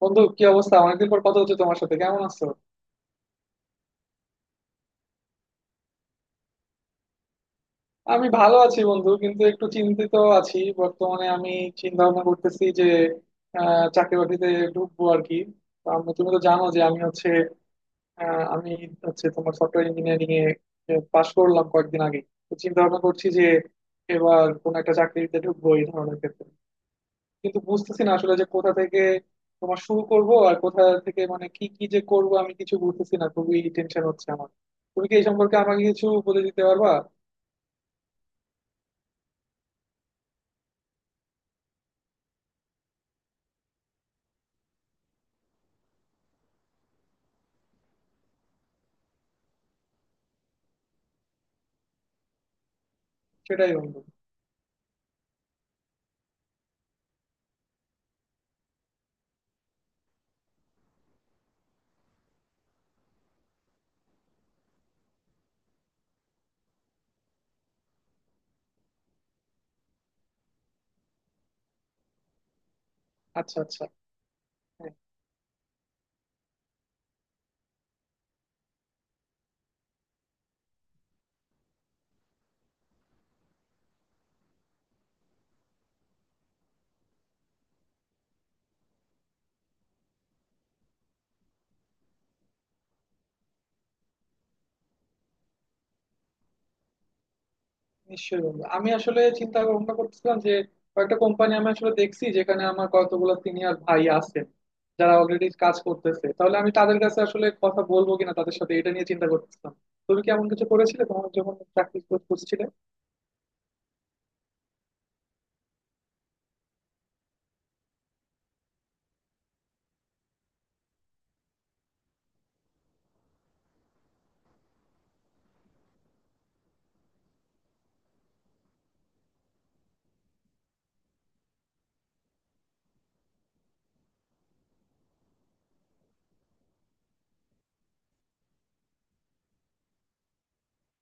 বন্ধু, কি অবস্থা? অনেকদিন পর কথা হচ্ছে তোমার সাথে। কেমন আছো? আমি ভালো আছি বন্ধু, কিন্তু একটু চিন্তিত আছি বর্তমানে। আমি চিন্তা ভাবনা করতেছি যে চাকরি বাকরিতে ঢুকবো আর কি। তো তুমি তো জানো যে আমি হচ্ছে তোমার সফটওয়্যার ইঞ্জিনিয়ারিং এ পাশ করলাম কয়েকদিন আগে। তো চিন্তা ভাবনা করছি যে এবার কোন একটা চাকরিতে ঢুকবো এই ধরনের ক্ষেত্রে। কিন্তু বুঝতেছি না আসলে যে কোথা থেকে তোমার শুরু করব আর কোথা থেকে মানে কি কি যে করব, আমি কিছু বুঝতেছি না। খুবই টেনশন হচ্ছে আমার। তুমি কি এই সম্পর্কে আমাকে কিছু বলে দিতে পারবা? সেটাই বন্ধু। আচ্ছা, আচ্ছা। হ্যাঁ। নিশ্চয়ই বন্ধু, আমি আসলে চিন্তা ভাবনা করতেছিলাম যে কয়েকটা কোম্পানি আমি আসলে দেখছি যেখানে আমার কতগুলো সিনিয়র ভাই আছেন, যারা অলরেডি কাজ করতেছে। তাহলে আমি তাদের কাছে আসলে কথা বলবো কিনা তাদের সাথে, এটা নিয়ে চিন্তা করতেছিলাম। তুমি কি এমন কিছু করেছিলে তোমার যখন চাকরি খুঁজছিলে?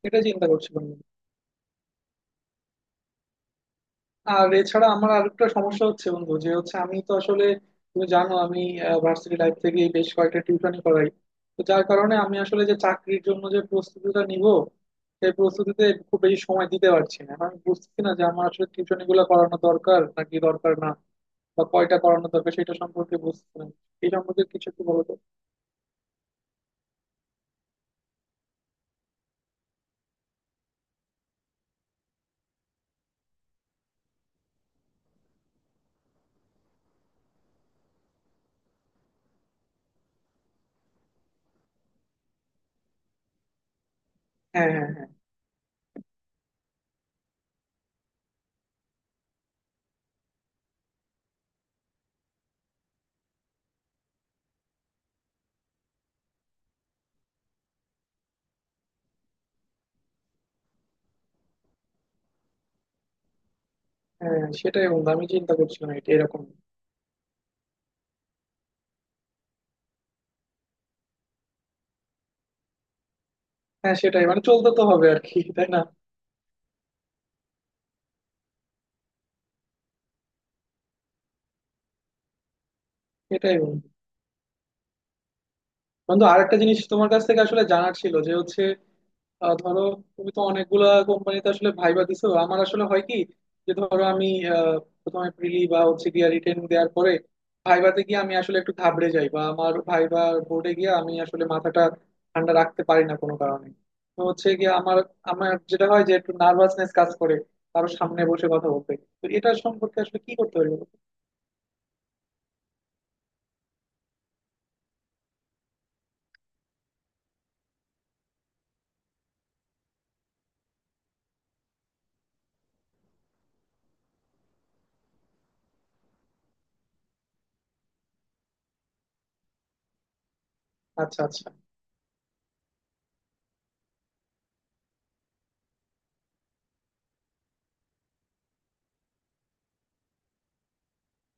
এটা চিন্তা করছিলাম। আর এছাড়া আমার আরেকটা সমস্যা হচ্ছে বন্ধু যে হচ্ছে আমি তো আসলে, তুমি জানো, আমি ভার্সিটি লাইফ থেকে বেশ কয়েকটা টিউশনই করাই। তো যার কারণে আমি আসলে যে চাকরির জন্য যে প্রস্তুতিটা নিব, সেই প্রস্তুতিতে খুব বেশি সময় দিতে পারছি না। আমি বুঝতেছি না যে আমার আসলে টিউশনি গুলো করানো দরকার নাকি দরকার না, বা কয়টা করানো দরকার সেটা সম্পর্কে বুঝতেছি না। এই সম্পর্কে কিছু একটু বলো তো। হ্যাঁ, হ্যাঁ, হ্যাঁ, হ্যাঁ। সেটাই বন্ধু, আমি চিন্তা করছিলাম এটা এরকম। হ্যাঁ সেটাই, মানে চলতে তো হবে আর কি, তাই না? এটাই বন্ধু। বন্ধু, আরেকটা জিনিস তোমার কাছ থেকে আসলে জানার ছিল যে হচ্ছে, ধরো, তুমি তো অনেকগুলা কোম্পানিতে আসলে ভাইবা দিছো, আমার আসলে হয় কি, যে ধরো আমি আহ, প্রথমে প্রিলি বা হচ্ছে গিয়া রিটেন দেওয়ার পরে ভাইভাতে গিয়ে আমি আসলে একটু ঘাবড়ে যাই। বা আমার ভাইবা বোর্ডে গিয়ে আমি আসলে মাথাটা ঠান্ডা রাখতে পারি না কোনো কারণে। তো হচ্ছে গিয়ে আমার আমার যেটা হয় যে একটু নার্ভাসনেস কাজ করে কারো সামনে বসে কথা বলতে। তো এটা সম্পর্কে আসলে কি করতে পারি বলো তো? আচ্ছা, আচ্ছা।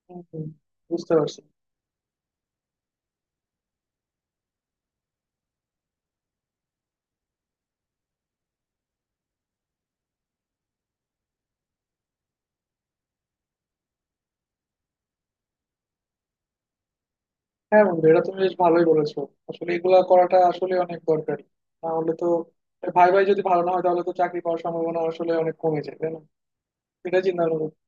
হম হম। বুঝতে পারছি। হ্যাঁ বন্ধু, এটা তুমি বেশ ভালোই বলেছো। আসলে এগুলা করাটা আসলে অনেক দরকারি। না হলে তো ভাই ভাই যদি ভালো না হয় তাহলে তো চাকরি পাওয়ার সম্ভাবনা আসলে অনেক কমে যায়, তাই না? এটা চিন্তা ভাবনা করছি।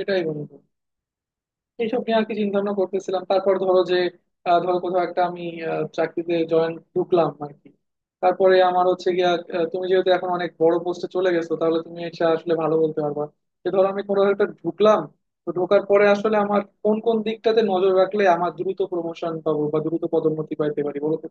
এটাই বন্ধু। এইসব নিয়ে আর কি চিন্তা ভাবনা করতেছিলাম। তারপর ধরো যে ধরো কোথাও একটা আমি চাকরিতে জয়েন ঢুকলাম আর কি। তারপরে আমার হচ্ছে গিয়া, তুমি যেহেতু এখন অনেক বড় পোস্টে চলে গেছো তাহলে তুমি এটা আসলে ভালো বলতে পারবা, যে ধরো আমি কোনো একটা ঢুকলাম। তো ঢোকার পরে আসলে আমার কোন কোন দিকটাতে নজর রাখলে আমার দ্রুত প্রমোশন পাবো বা দ্রুত পদোন্নতি পাইতে পারি বলো তো?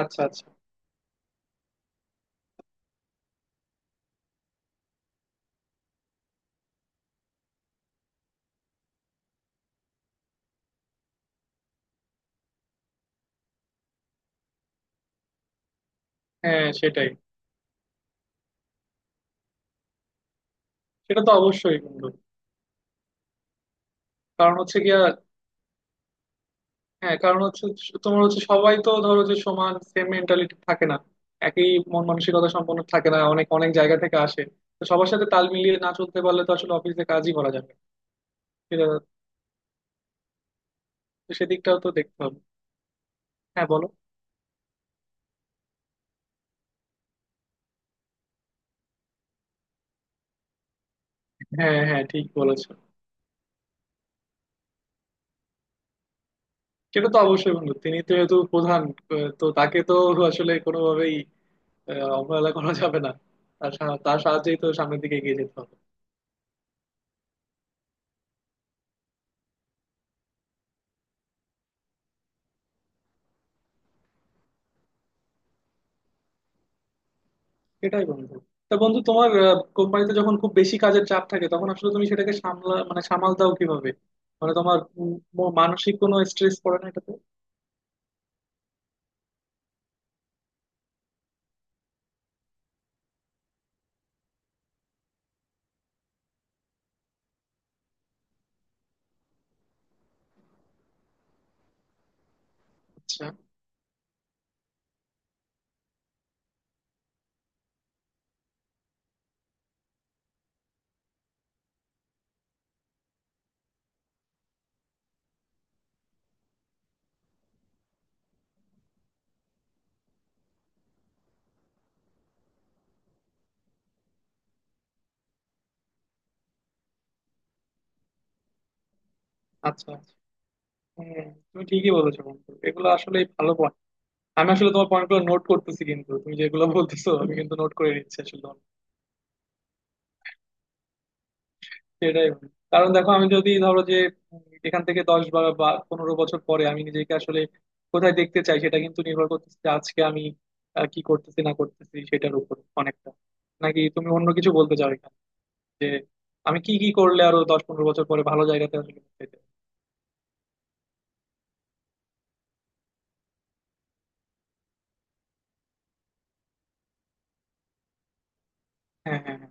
আচ্ছা, আচ্ছা। হ্যাঁ সেটাই। সেটা তো অবশ্যই বন্ধু। কারণ হচ্ছে গিয়া, হ্যাঁ, কারণ হচ্ছে তোমার হচ্ছে সবাই তো ধরো যে সমান সেম মেন্টালিটি থাকে না, একই মন মানসিকতা সম্পন্ন থাকে না, অনেক অনেক জায়গা থেকে আসে। তো সবার সাথে তাল মিলিয়ে না চলতে পারলে তো আসলে অফিসে কাজই করা যাবে না। সেটা তো, সেদিকটাও তো দেখতে হবে। হ্যাঁ বলো। হ্যাঁ, হ্যাঁ ঠিক বলেছো। সেটা তো অবশ্যই বন্ধু, তিনি তো যেহেতু প্রধান, তো তাকে তো আসলে কোনোভাবেই অবহেলা করা যাবে না। তার সাহায্যেই তো সামনের দিকে এগিয়ে যেতে হবে। এটাই বন্ধু। তা বন্ধু, তোমার কোম্পানিতে যখন খুব বেশি কাজের চাপ থাকে তখন আসলে তুমি সেটাকে সামলা মানে সামাল দাও কিভাবে? মানে তোমার মানসিক কোনো স্ট্রেস পড়ে না এটাতে? আচ্ছা, আচ্ছা। আচ্ছা। হ্যাঁ। তুমি ঠিকই বলেছো বন্ধু, এগুলো আসলে ভালো পয়েন্ট। আমি আসলে তোমার পয়েন্ট গুলো নোট করতেছি, কিন্তু তুমি যেগুলো বলতেছো আমি কিন্তু নোট করে নিচ্ছি আসলে। সেটাই বন্ধু। কারণ দেখো আমি যদি ধরো যে এখান থেকে 10 বা বা 15 বছর পরে আমি নিজেকে আসলে কোথায় দেখতে চাই, সেটা কিন্তু নির্ভর করতেছে যে আজকে আমি কি করতেছি না করতেছি সেটার উপর অনেকটা। নাকি তুমি অন্য কিছু বলতে চাও এখানে, যে আমি কি কি করলে আরো 10-15 বছর পরে ভালো জায়গাতে আসলে পৌঁছাতে চাই? হ্যাঁ, হ্যাঁ, হ্যাঁ।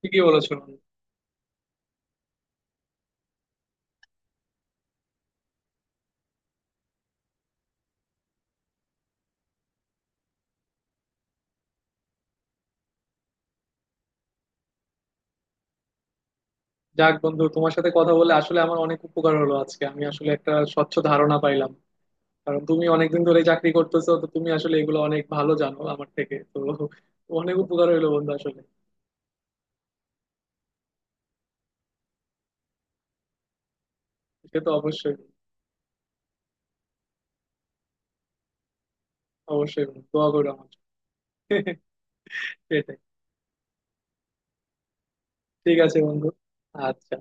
ঠিকই বলেছো বন্ধু। যাক বন্ধু, তোমার সাথে কথা বলে আসলে আমার অনেক উপকার হলো আজকে। আমি আসলে একটা স্বচ্ছ ধারণা পাইলাম, কারণ তুমি অনেকদিন ধরে চাকরি করতেছো তো তুমি আসলে এগুলো অনেক ভালো জানো আমার থেকে তো। অনেক উপকার হইলো বন্ধু আসলে। সে তো অবশ্যই। অবশ্যই বন্ধু, দোয়া করো আমার জন্য। সেটাই। ঠিক আছে বন্ধু। আচ্ছা।